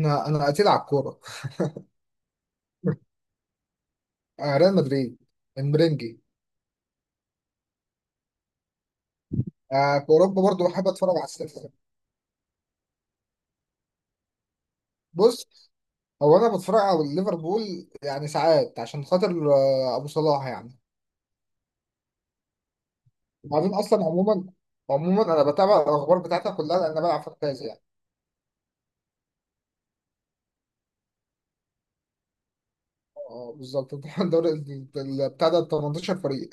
انا قتيل على الكوره. ريال مدريد. المرنجي. في اوروبا برضو بحب اتفرج على السيتي. بص، هو انا بتفرج على ليفربول يعني ساعات عشان خاطر ابو صلاح يعني. وبعدين اصلا عموما انا بتابع الاخبار بتاعتها كلها لان انا بلعب فانتازي يعني. اه، بالظبط. الدوري بتاع ده 18 فريق.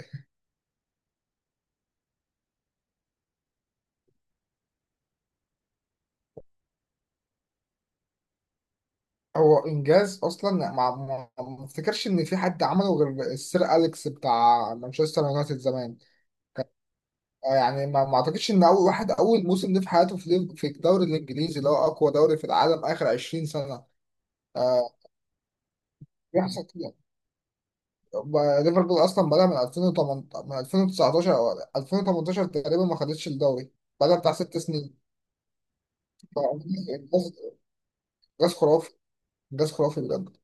هو انجاز اصلا، ما افتكرش ان في حد عمله غير السير اليكس بتاع مانشستر يونايتد زمان. يعني ما اعتقدش ان اول موسم ليه في حياته في الدوري الانجليزي اللي هو اقوى دوري في العالم اخر 20 سنه. آه، بيحصل كده. ليفربول اصلا بدأ من 2018، من 2019 او 2018 تقريبا ما خدتش الدوري. بدأ بتاع 6 سنين. انجاز. إنجاز خرافي. انجاز خرافي بجد.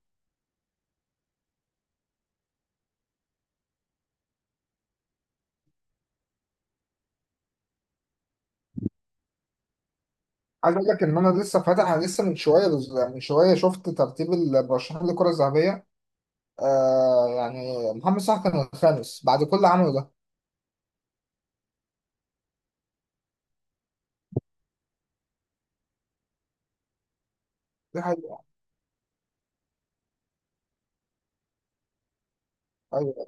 عايز اقول لك ان انا لسه من شويه شفت ترتيب المرشحين للكره الذهبيه. آه، يعني محمد صلاح كان الخامس بعد كل اللي عمله ده. دي حقيقة. أيوة.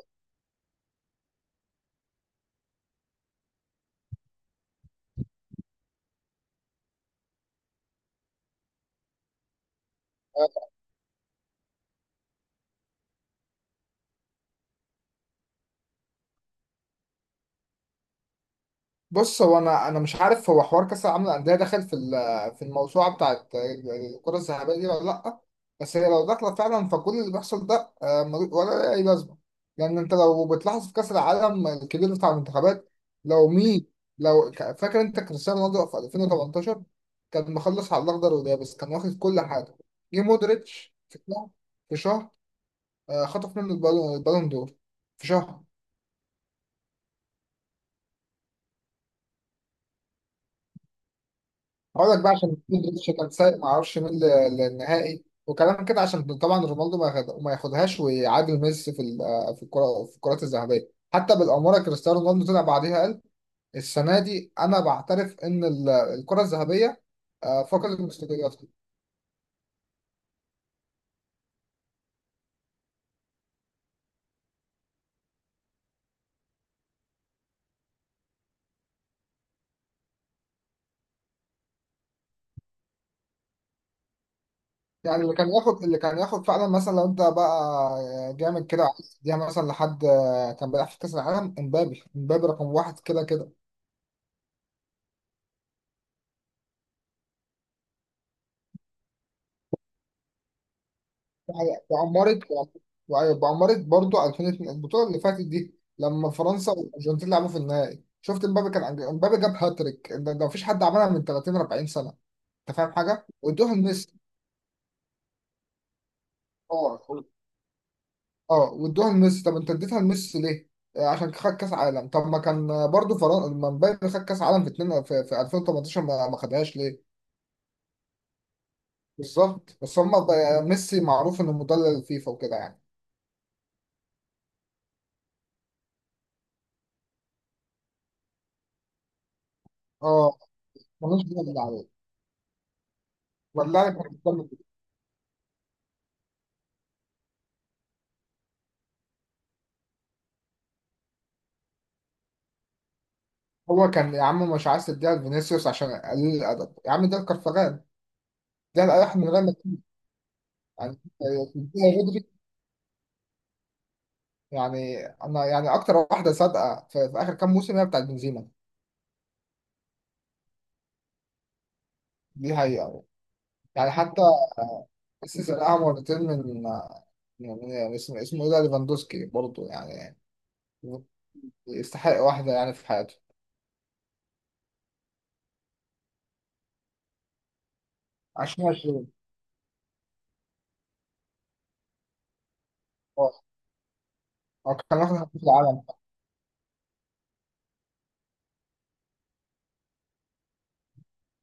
بص، هو انا مش عارف هو حوار كاس العالم للانديه داخل في الموسوعه بتاعت الكره الذهبيه دي ولا لا. بس هي لو داخله فعلا فكل اللي بيحصل ده ولا اي لازمه. لان انت لو بتلاحظ في كاس العالم الكبير بتاع المنتخبات. لو مين. فاكر انت كريستيانو رونالدو في 2018 كان مخلص على الاخضر واليابس، كان واخد كل حاجه. جه مودريتش في شهر. في شهر خطف منه البالون دور. في شهر. هقولك بقى عشان مودريتش كان سايق ما اعرفش مين للنهائي وكلام كده، عشان طبعا رونالدو ما ياخدهاش ويعادل ميسي في الكرات الذهبيه. حتى بالاماره كريستيانو رونالدو طلع بعديها قال السنه دي انا بعترف ان الكره الذهبيه فقدت مستقلها. يعني اللي كان ياخد فعلا، مثلا لو انت بقى جامد كده عايز تديها مثلا لحد كان بيلعب في كاس العالم، امبابي رقم واحد كده كده. يعني بعمرت برضو 2002، البطولة اللي فاتت دي، لما فرنسا والأرجنتين لعبوا في النهائي شفت امبابي جاب هاتريك، ده مفيش حد عملها من 30 40 سنة. انت فاهم حاجة؟ وادوها لميسي. اه، اه، وادوها لميسي. طب انت اديتها لميسي ليه؟ عشان خد كاس عالم. طب ما كان برضو فرنسا لما امبابي خد كاس عالم في 2018 ما خدهاش ليه؟ بالظبط بس هم، ميسي معروف انه مدلل الفيفا وكده يعني. اه، ملوش دعوه عليه. ولا هو كان يا عم مش عايز تديها لفينيسيوس عشان قليل الادب، يا عم ده الكرفغان، ده القح من غير ما تكلم. يعني تديها رودري؟ يعني انا يعني اكتر واحده صادقه في اخر كام موسم هي بتاعت بنزيما. دي حقيقه. يعني حتى السيزون الاول مرتين من اسمه ايه ده، ليفاندوسكي برضه يعني يستحق واحده يعني في حياته. 2020. اه، هو كان واخد هداف العالم.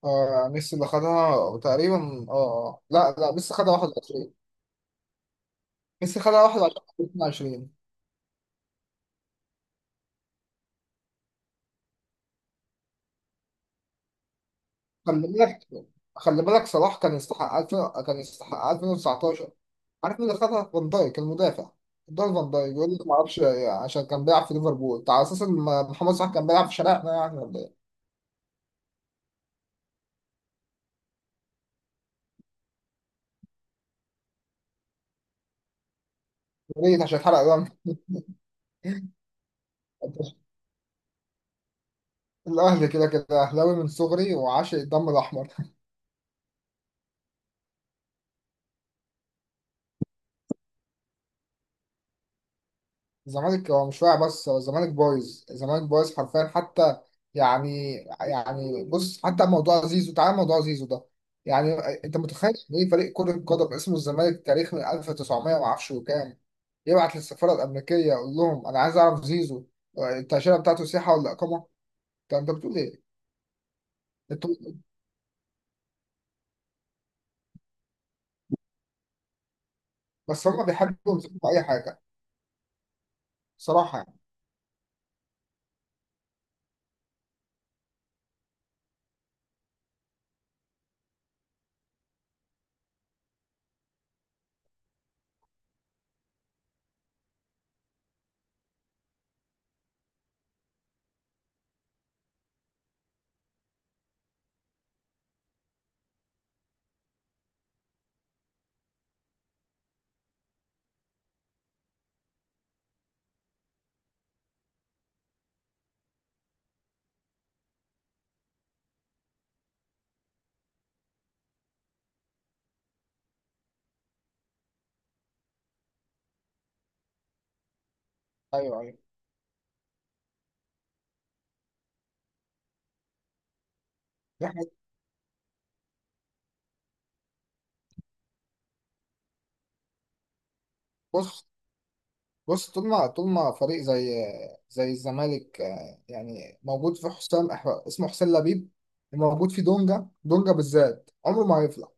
ميسي اللي خدها تقريبا. لا لا، ميسي خدها 21. ميسي خدها 21 22. خلي بالك خلي بالك، صلاح كان يستحق 2000، كان يستحق 2019. عارف مين اللي خدها؟ فان دايك، المدافع. دول فان دايك يقول لك ما اعرفش، عشان كان بيلعب في ليفربول. انت على اساس ان محمد صلاح كان بيلعب في شارعنا يعني ولا ايه؟ يا ريت عشان اتحرق دم. الاهلي كده كده، اهلاوي من صغري وعاشق الدم الاحمر. الزمالك هو مش واقع، بس هو الزمالك بايظ، الزمالك بايظ حرفيا حتى. يعني، يعني بص، حتى موضوع زيزو، تعال موضوع زيزو ده. يعني انت متخيل ان ايه فريق كرة قدم اسمه الزمالك، تاريخ من 1900 ما اعرفش وكام، يبعت للسفارة الأمريكية يقول لهم أنا عايز أعرف زيزو التأشيرة بتاعته سياحة ولا إقامة؟ انت بتقول إيه؟ انت، بس هم بيحبوا يمسكوا في أي حاجة، صراحة يعني. أيوه، أيوه. دي حاجة- بص بص، طول ما فريق زي الزمالك يعني موجود في اسمه حسين لبيب، وموجود في دونجا، دونجا بالذات عمره ما هيفلح.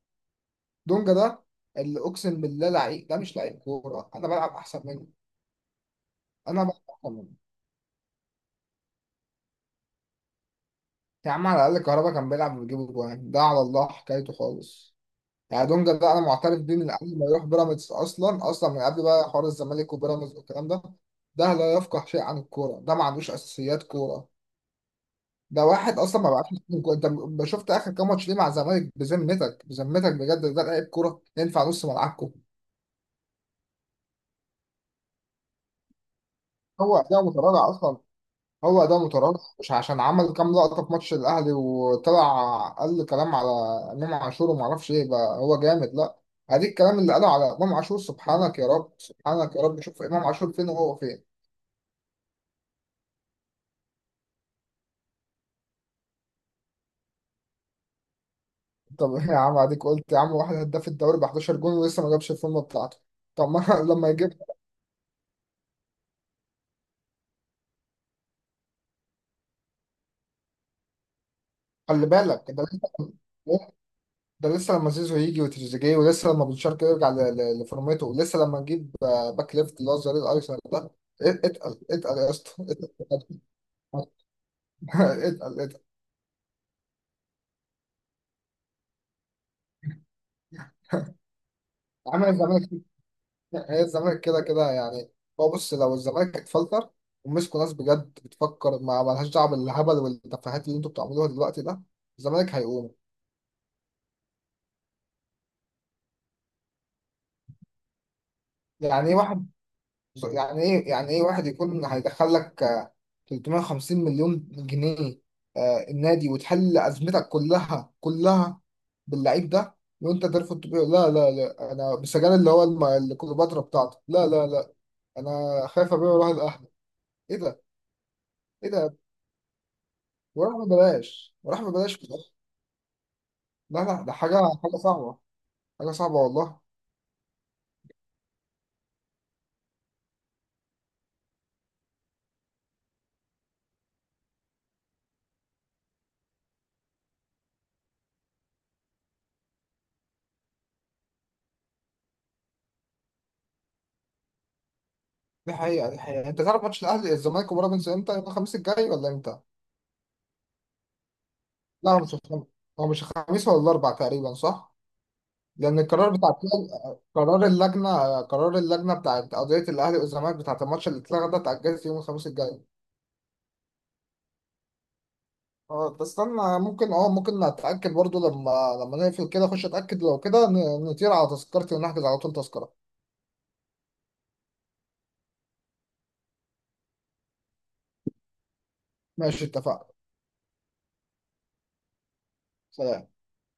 دونجا ده، اللي اقسم بالله لعيب ده مش لعيب كوره، انا بلعب احسن منه. انا بلعب احسن منه. يا عم على الاقل كهربا كان بيلعب وبيجيب جوان، ده على الله حكايته خالص. يعني دونجا ده انا معترف بيه من قبل ما يروح بيراميدز، اصلا اصلا من قبل بقى حوار الزمالك وبيراميدز والكلام ده. ده لا يفقه شيء عن الكوره، ده ما عندوش اساسيات كوره. ده واحد اصلا ما بعتش. انت شفت اخر كام ماتش ليه مع الزمالك؟ بذمتك بذمتك بجد ده لعيب كوره ينفع نص ملعبكم؟ هو ده متراجع اصلا. هو ده متراجع مش عشان عمل كام لقطه في ماتش الاهلي وطلع قال كلام على امام عاشور وما اعرفش ايه بقى هو جامد، لا. اديك الكلام اللي قاله على امام عاشور، سبحانك يا رب سبحانك يا رب، شوف امام عاشور فين وهو فين. طب، يا عم اديك قلت يا عم، واحد هداف الدوري ب 11 جون ولسه ما جابش الفورمه بتاعته؟ طب، ما لما يجيب. خلي بالك ده لسه. ده لسه لما زيزو يجي وتريزيجيه، ولسه لما بن شرقي يرجع لفورمته، ولسه لما نجيب باك ليفت اللي هو الظهير الايسر ده. اتقل اتقل يا اسطى اتقل. اتقل اتقل اتقل. عمل الزمالك. هي الزمالك كده كده يعني. هو بص، لو الزمالك اتفلتر ومسكوا ناس بجد بتفكر، ما مالهاش دعوه بالهبل والتفاهات اللي انتوا بتعملوها دلوقتي ده، الزمالك هيقوم. يعني ايه واحد، يعني ايه واحد يكون هيدخل لك 350 مليون جنيه النادي وتحل ازمتك كلها كلها، باللعيب ده وانت ترفض تبيعه؟ لا لا لا، انا بسجل اللي هو اللي كليوباترا بتاعته. لا لا لا، انا خايف ابيعه واروح الاهلي. ايه ده، ايه ده؟ وراح ببلاش، وراح ببلاش في الآخر. لا لا، ده حاجه، حاجه صعبه، حاجه صعبه والله. دي حقيقه، دي حقيقه. انت تعرف ماتش الاهلي الزمالك وبيراميدز امتى؟ يوم الخميس الجاي ولا امتى؟ لا، هو مش الخميس. هو مش الخميس ولا الاربع تقريبا، صح؟ لان القرار بتاع، قرار اللجنه بتاعت قضيه الاهلي والزمالك بتاعت الماتش اللي اتلغى ده، اتاجلت يوم الخميس الجاي. اه، بس استنى، ممكن اتاكد برضو، لما نقفل كده اخش اتاكد. لو كده نطير على تذكرتي ونحجز على طول تذكره. ماشي، اتفقنا. سلام.